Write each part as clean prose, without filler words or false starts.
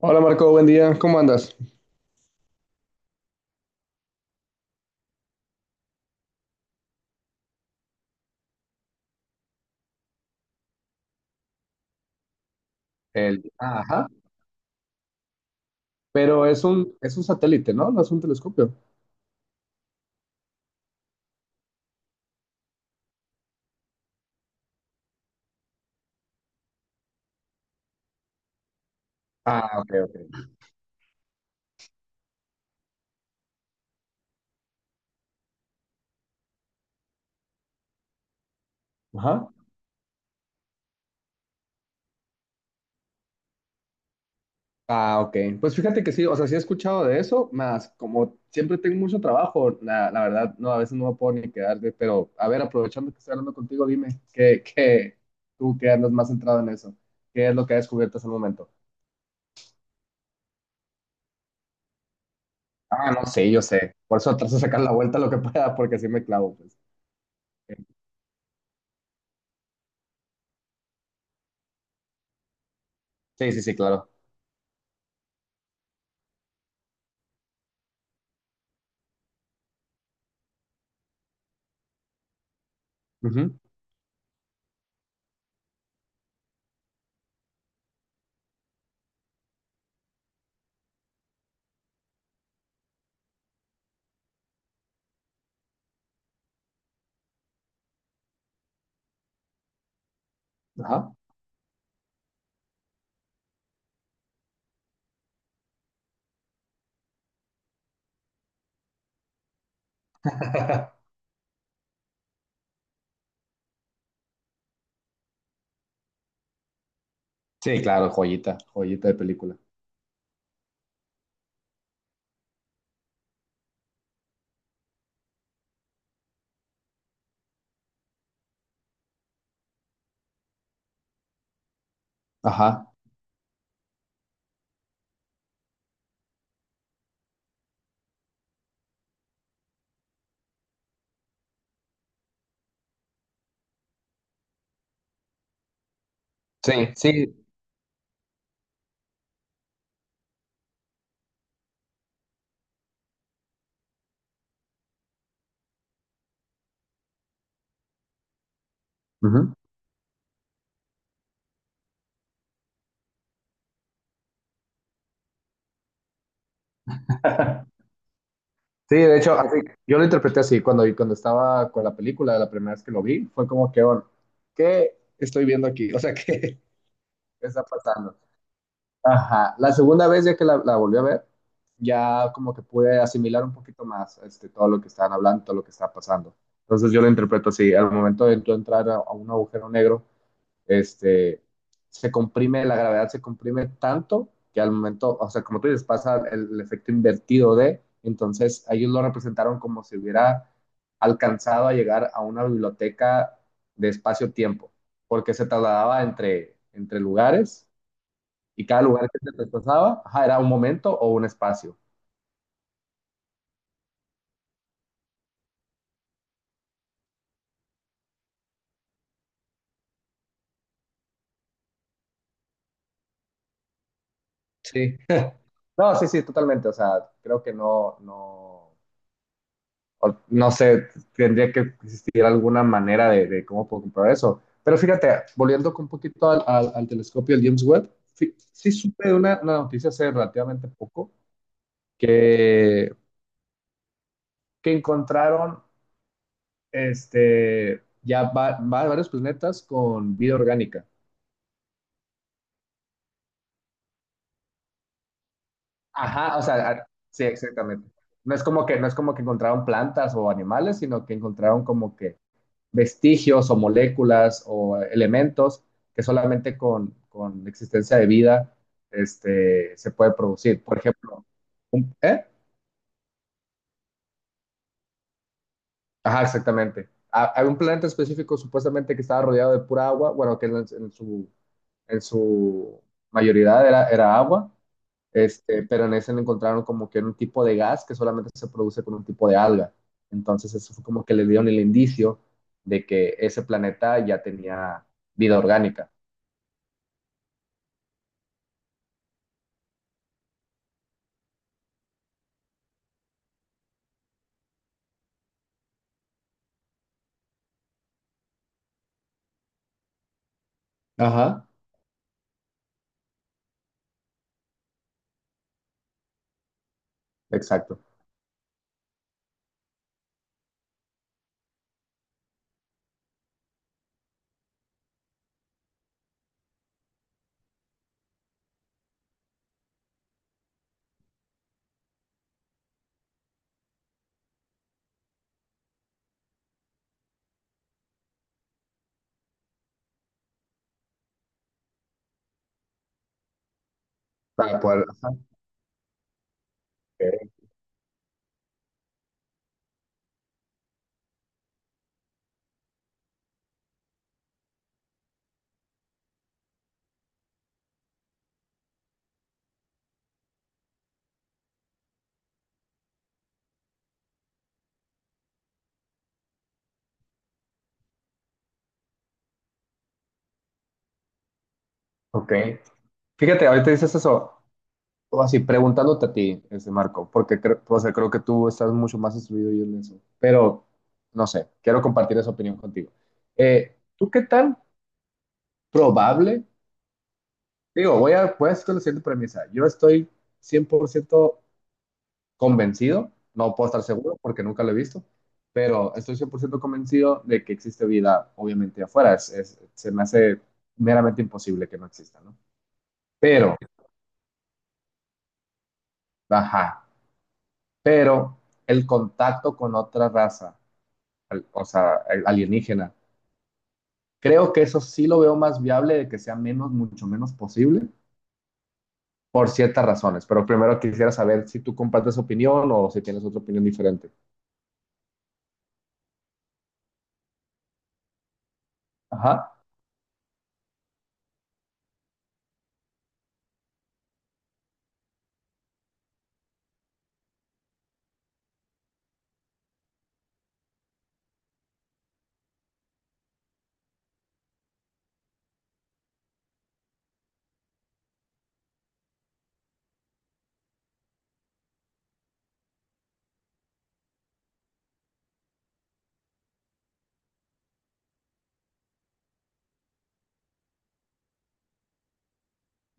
Hola Marco, buen día, ¿cómo andas? El, ajá, pero es es un satélite, ¿no? No es un telescopio. Ah, ok, ok. Ajá. Ah, ok. Pues fíjate que sí, o sea, sí he escuchado de eso, más como siempre tengo mucho trabajo, la verdad, no, a veces no me puedo ni quedar de, pero a ver, aprovechando que estoy hablando contigo, dime, ¿qué, tú que andas más centrado en eso? ¿Qué es lo que has descubierto hasta el momento? Ah, no sé, yo sé. Por eso trato de sacar la vuelta lo que pueda, porque así me clavo, pues. Sí, sí, sí, claro. Ujú. Ajá. Sí, claro, joyita, joyita de película. Ajá. Sí, sí. Ujú. Sí, de hecho, así, yo lo interpreté así cuando, cuando estaba con la película, la primera vez que lo vi, fue como que, bueno, ¿qué estoy viendo aquí? O sea, ¿qué está pasando? Ajá. La segunda vez ya que la volví a ver, ya como que pude asimilar un poquito más este, todo lo que estaban hablando, todo lo que estaba pasando. Entonces yo lo interpreto así, al momento de tú entrar a un agujero negro, este, se comprime, la gravedad se comprime tanto que al momento, o sea, como tú dices, pasa el, efecto invertido de, entonces ellos lo representaron como si hubiera alcanzado a llegar a una biblioteca de espacio-tiempo, porque se trasladaba entre lugares y cada lugar que se desplazaba ajá, era un momento o un espacio. Sí. No, sí, sí, totalmente, o sea, creo que no, o no sé, tendría que existir alguna manera de cómo puedo comprar eso. Pero fíjate, volviendo un poquito al telescopio del James Webb, sí, sí supe de una noticia hace relativamente poco que, que encontraron este, ya varios planetas con vida orgánica. Ajá, o sea, a- sí, exactamente. No es como que, no es como que encontraron plantas o animales, sino que encontraron como que vestigios o moléculas o elementos que solamente con existencia de vida este, se puede producir. Por ejemplo, ¿eh? Ajá, exactamente. Ha- Hay un planeta específico supuestamente que estaba rodeado de pura agua, bueno, que en su mayoría era, era agua, este, pero en ese encontraron como que un tipo de gas que solamente se produce con un tipo de alga. Entonces eso fue como que le dieron el indicio de que ese planeta ya tenía vida orgánica. Ajá. Exacto. Para sí poder, ajá. Ok, ok. Fíjate, ahorita dices eso, o así, preguntándote a ti, ese Marco, porque creo, o sea, creo que tú estás mucho más instruido yo en eso. Pero, no sé, quiero compartir esa opinión contigo. ¿Tú qué tan probable? Digo, voy a, voy a hacer la siguiente premisa. Yo estoy 100% convencido, no puedo estar seguro porque nunca lo he visto, pero estoy 100% convencido de que existe vida, obviamente, afuera. Es- se me hace meramente imposible que no exista, ¿no? Pero ajá, pero el contacto con otra raza, al- o sea, al- alienígena, creo que eso sí lo veo más viable de que sea menos, mucho menos posible, por ciertas razones. Pero primero quisiera saber si tú compartes opinión o si tienes otra opinión diferente. Ajá.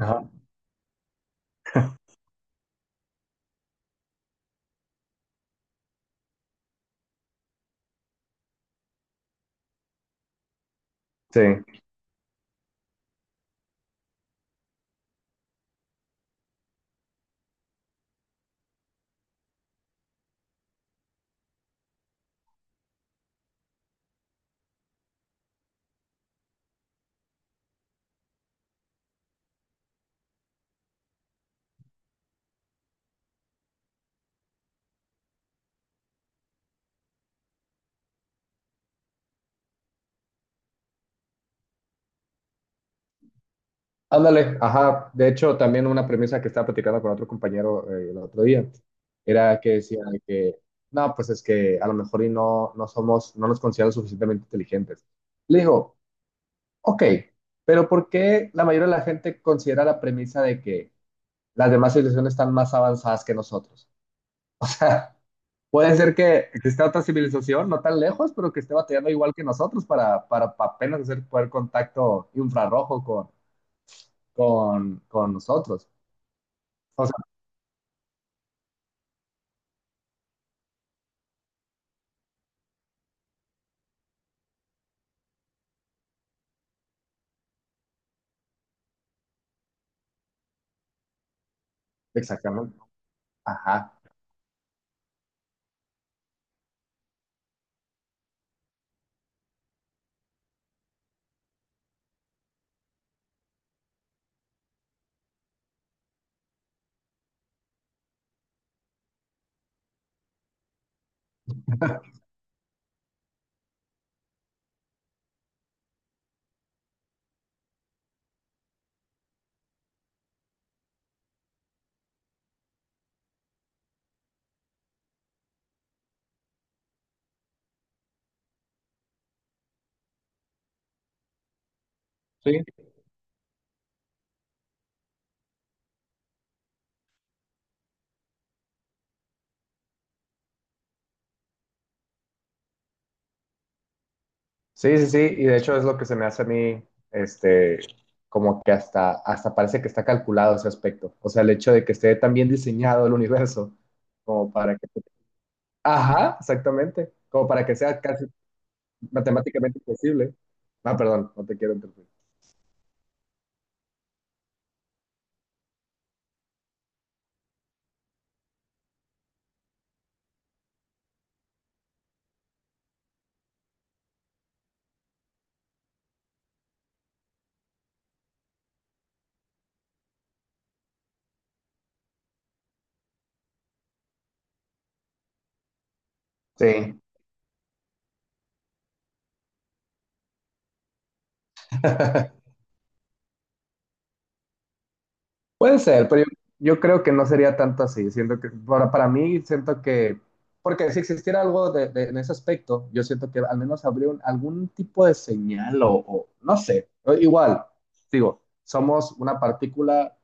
Ajá. Sí, ándale, ajá. De hecho, también una premisa que estaba platicando con otro compañero el otro día era que decía que, no, pues es que a lo mejor y no, no somos, no nos consideramos suficientemente inteligentes. Le digo, ok, pero ¿por qué la mayoría de la gente considera la premisa de que las demás civilizaciones están más avanzadas que nosotros? O sea, puede ser que exista otra civilización, no tan lejos, pero que esté batallando igual que nosotros para apenas hacer poder contacto infrarrojo con nosotros. O sea, exactamente. Ajá. Sí. Sí, sí, sí, y de hecho es lo que se me hace a mí, este, como que hasta, hasta parece que está calculado ese aspecto. O sea, el hecho de que esté tan bien diseñado el universo, como para que... Ajá, exactamente, como para que sea casi matemáticamente imposible. Ah, perdón, no te quiero interrumpir. Sí. Puede ser, pero yo creo que no sería tanto así. Siento que, para mí, siento que, porque si existiera algo de- en ese aspecto, yo siento que al menos habría un- algún tipo de señal o no sé. O igual, digo, somos una partícula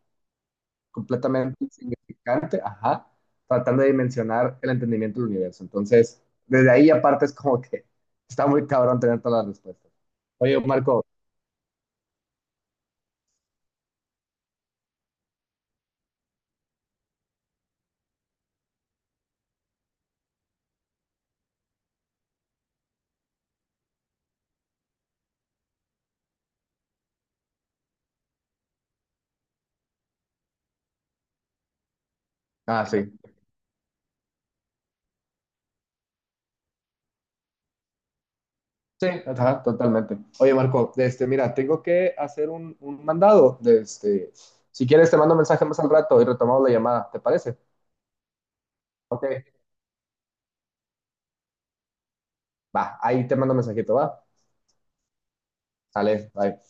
completamente insignificante, ajá, tratando de dimensionar el entendimiento del universo. Entonces, desde ahí aparte es como que está muy cabrón tener todas las respuestas. Oye, Marco, ah, sí. Sí, ajá, totalmente. Oye, Marco, este, mira, tengo que hacer un mandado. De este, si quieres, te mando un mensaje más al rato y retomamos la llamada. ¿Te parece? Ok, va, ahí te mando un mensajito, va. Sale, bye.